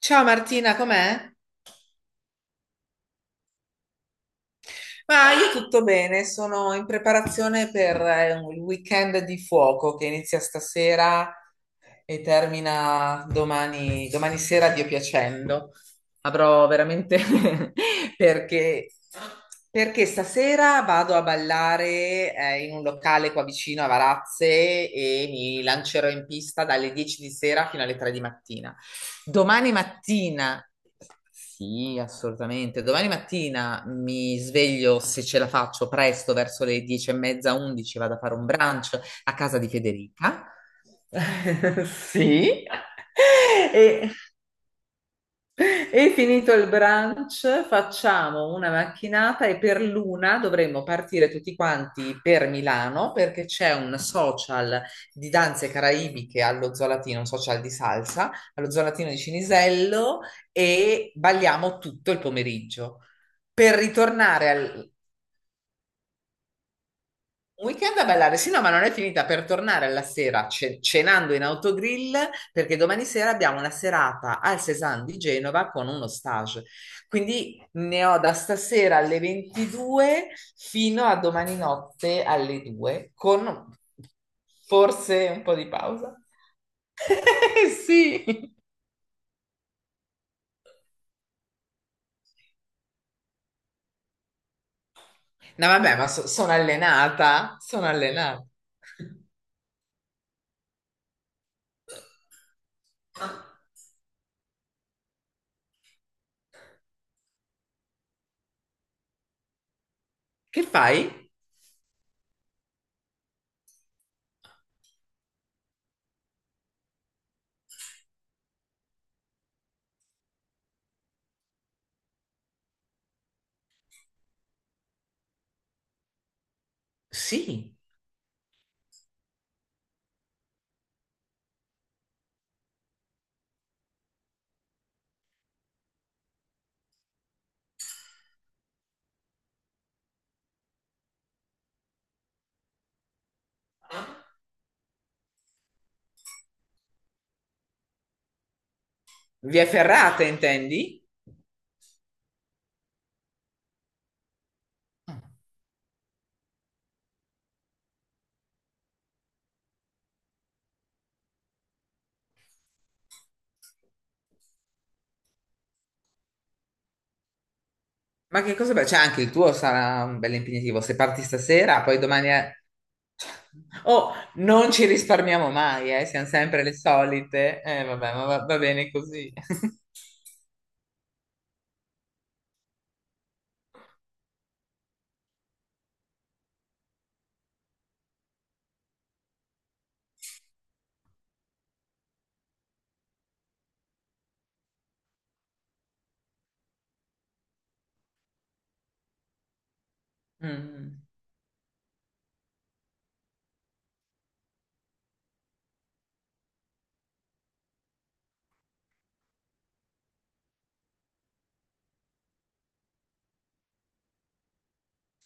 Ciao Martina, com'è? Ma io tutto bene, sono in preparazione per il weekend di fuoco che inizia stasera e termina domani, domani sera, Dio piacendo. Avrò veramente perché, perché stasera vado a ballare in un locale qua vicino a Varazze e mi lancerò in pista dalle 10 di sera fino alle 3 di mattina. Domani mattina, sì, assolutamente, domani mattina mi sveglio se ce la faccio presto verso le 10 e mezza, 11, vado a fare un brunch a casa di Federica. Sì. E e finito il brunch, facciamo una macchinata e per l'una dovremmo partire tutti quanti per Milano perché c'è un social di danze caraibiche allo Zolatino, un social di salsa allo Zolatino di Cinisello e balliamo tutto il pomeriggio. Per ritornare al- un weekend a ballare, sì, no, ma non è finita, per tornare alla sera cenando in autogrill perché domani sera abbiamo una serata al Cézanne di Genova con uno stage. Quindi ne ho da stasera alle 22 fino a domani notte alle 2 con forse un po' di pausa. Eh sì, no, vabbè, ma sono allenata, sono allenata. Che fai? Sì, via Ferrata, intendi? Ma che cosa bello? Cioè, anche il tuo sarà un bel impegnativo. Se parti stasera, poi domani è... Oh, non ci risparmiamo mai, eh? Siamo sempre le solite. Vabbè, ma va bene così. Mm.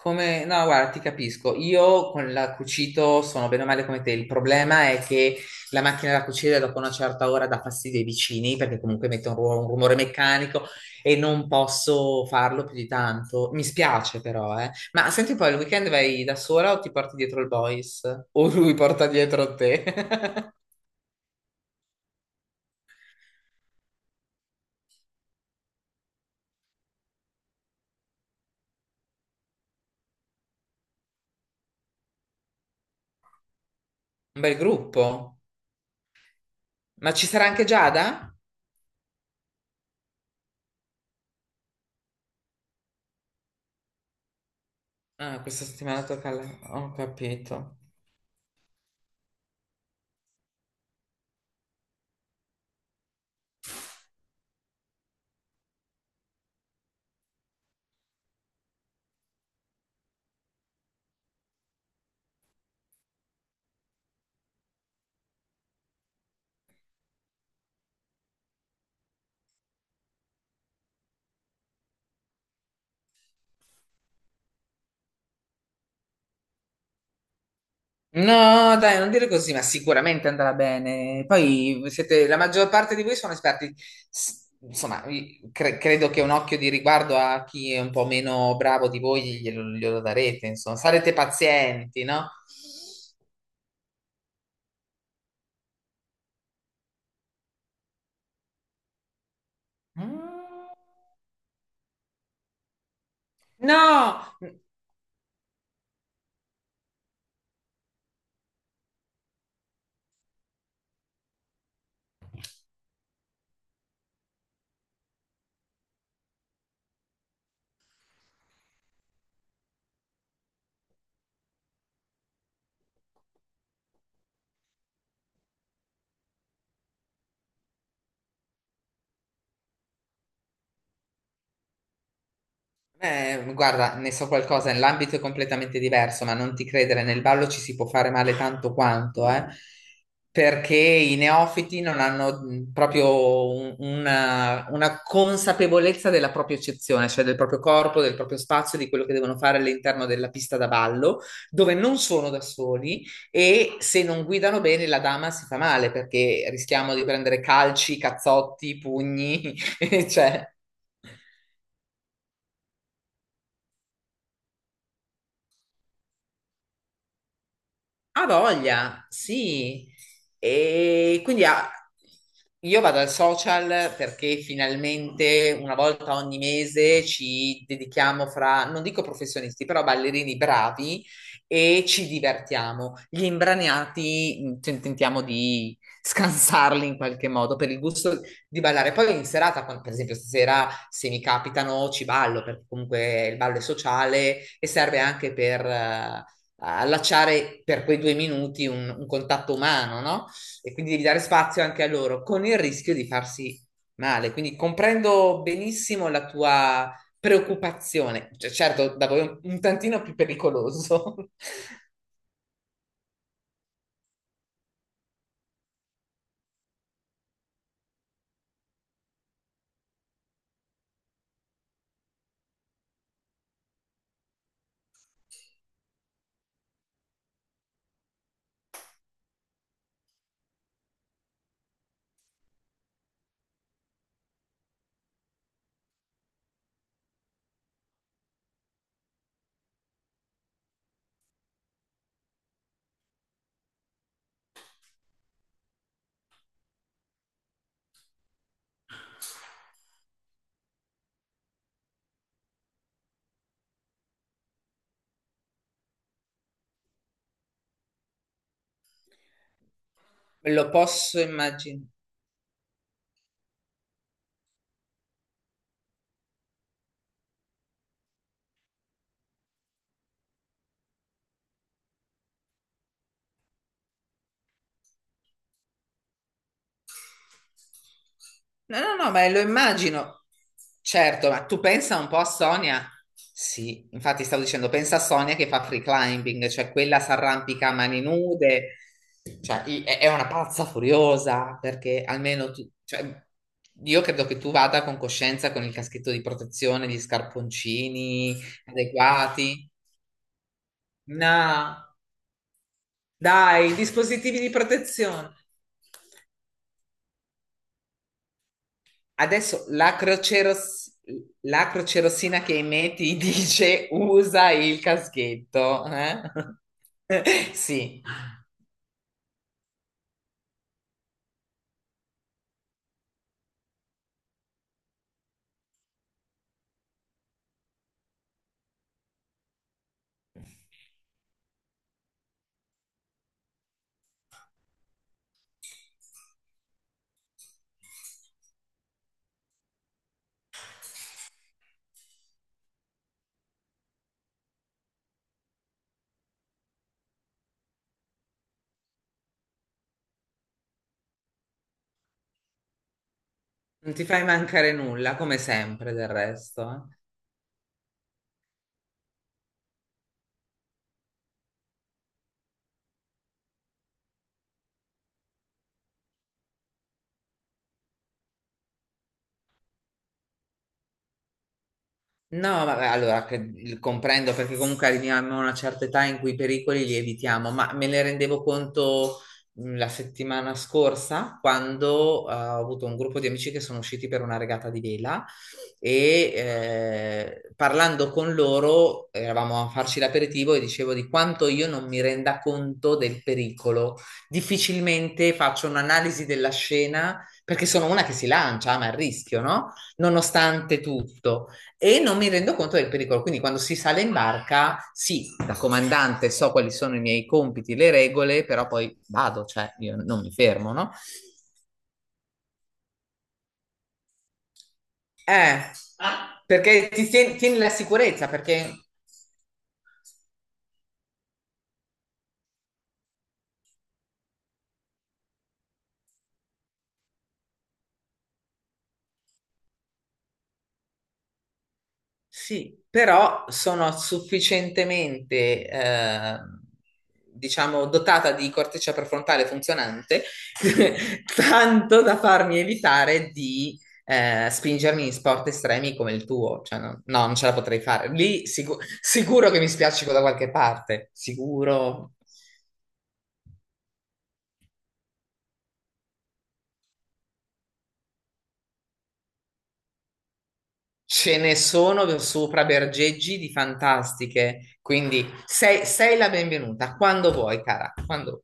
Come, no, guarda, ti capisco. Io con la cucito sono bene o male come te. Il problema è che la macchina da cucire dopo una certa ora dà fastidio ai vicini perché comunque mette un rumore meccanico e non posso farlo più di tanto. Mi spiace però, eh. Ma senti poi, il weekend vai da sola o ti porti dietro il boys? O lui porta dietro te? Un bel gruppo. Ma ci sarà anche Giada? Ah, questa settimana tocca alla... Ho capito. No, dai, non dire così, ma sicuramente andrà bene. Poi siete, la maggior parte di voi sono esperti. Insomma, credo che un occhio di riguardo a chi è un po' meno bravo di voi glielo darete, insomma, sarete pazienti, no? Mm. No! Guarda, ne so qualcosa, l'ambito è completamente diverso, ma non ti credere, nel ballo ci si può fare male tanto quanto, perché i neofiti non hanno proprio una consapevolezza della propria eccezione, cioè del proprio corpo, del proprio spazio, di quello che devono fare all'interno della pista da ballo, dove non sono da soli e se non guidano bene la dama si fa male, perché rischiamo di prendere calci, cazzotti, pugni, cioè... Ha voglia, sì. E quindi io vado al social perché finalmente una volta ogni mese ci dedichiamo fra, non dico professionisti, però ballerini bravi e ci divertiamo. Gli imbraniati tentiamo di scansarli in qualche modo per il gusto di ballare. Poi in serata, per esempio stasera, se mi capitano ci ballo perché comunque il ballo è sociale e serve anche per, allacciare per quei 2 minuti un contatto umano, no? E quindi devi dare spazio anche a loro, con il rischio di farsi male. Quindi comprendo benissimo la tua preoccupazione. Cioè, certo, da voi è un tantino più pericoloso, lo posso immaginare. No, no, no, ma lo immagino. Certo, ma tu pensa un po' a Sonia. Sì, infatti stavo dicendo, pensa a Sonia che fa free climbing, cioè quella si arrampica a mani nude. Cioè, è una pazza furiosa perché almeno tu, cioè, io credo che tu vada con coscienza con il caschetto di protezione, gli scarponcini adeguati. No, dai, dispositivi di protezione. Adesso la crocerossina che emetti dice usa il caschetto. Eh? Sì, non ti fai mancare nulla, come sempre del resto. Eh. No, vabbè, allora comprendo perché comunque arriviamo a una certa età in cui i pericoli li evitiamo, ma me ne rendevo conto la settimana scorsa quando ho avuto un gruppo di amici che sono usciti per una regata di vela e parlando con loro eravamo a farci l'aperitivo e dicevo di quanto io non mi renda conto del pericolo. Difficilmente faccio un'analisi della scena perché sono una che si lancia, ma a rischio, no? Nonostante tutto e non mi rendo conto del pericolo. Quindi quando si sale in barca, sì, da comandante so quali sono i miei compiti, le regole, però poi vado, cioè io non mi fermo, no? Eh, perché ti tieni, tieni la sicurezza, perché sì, però sono sufficientemente, diciamo, dotata di corteccia prefrontale funzionante, tanto da farmi evitare di spingermi in sport estremi come il tuo. Cioè, no, no, non ce la potrei fare. Lì sicuro che mi spiaccico da qualche parte, sicuro. Ce ne sono sopra bergeggi di fantastiche, quindi sei la benvenuta, quando vuoi, cara, quando vuoi.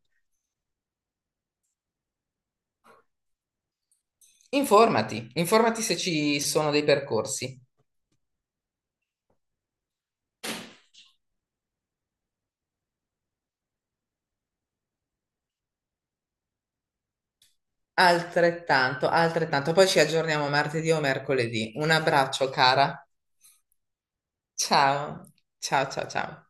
Informati, informati se ci sono dei percorsi. Altrettanto, altrettanto. Poi ci aggiorniamo martedì o mercoledì. Un abbraccio, cara. Ciao, ciao, ciao, ciao.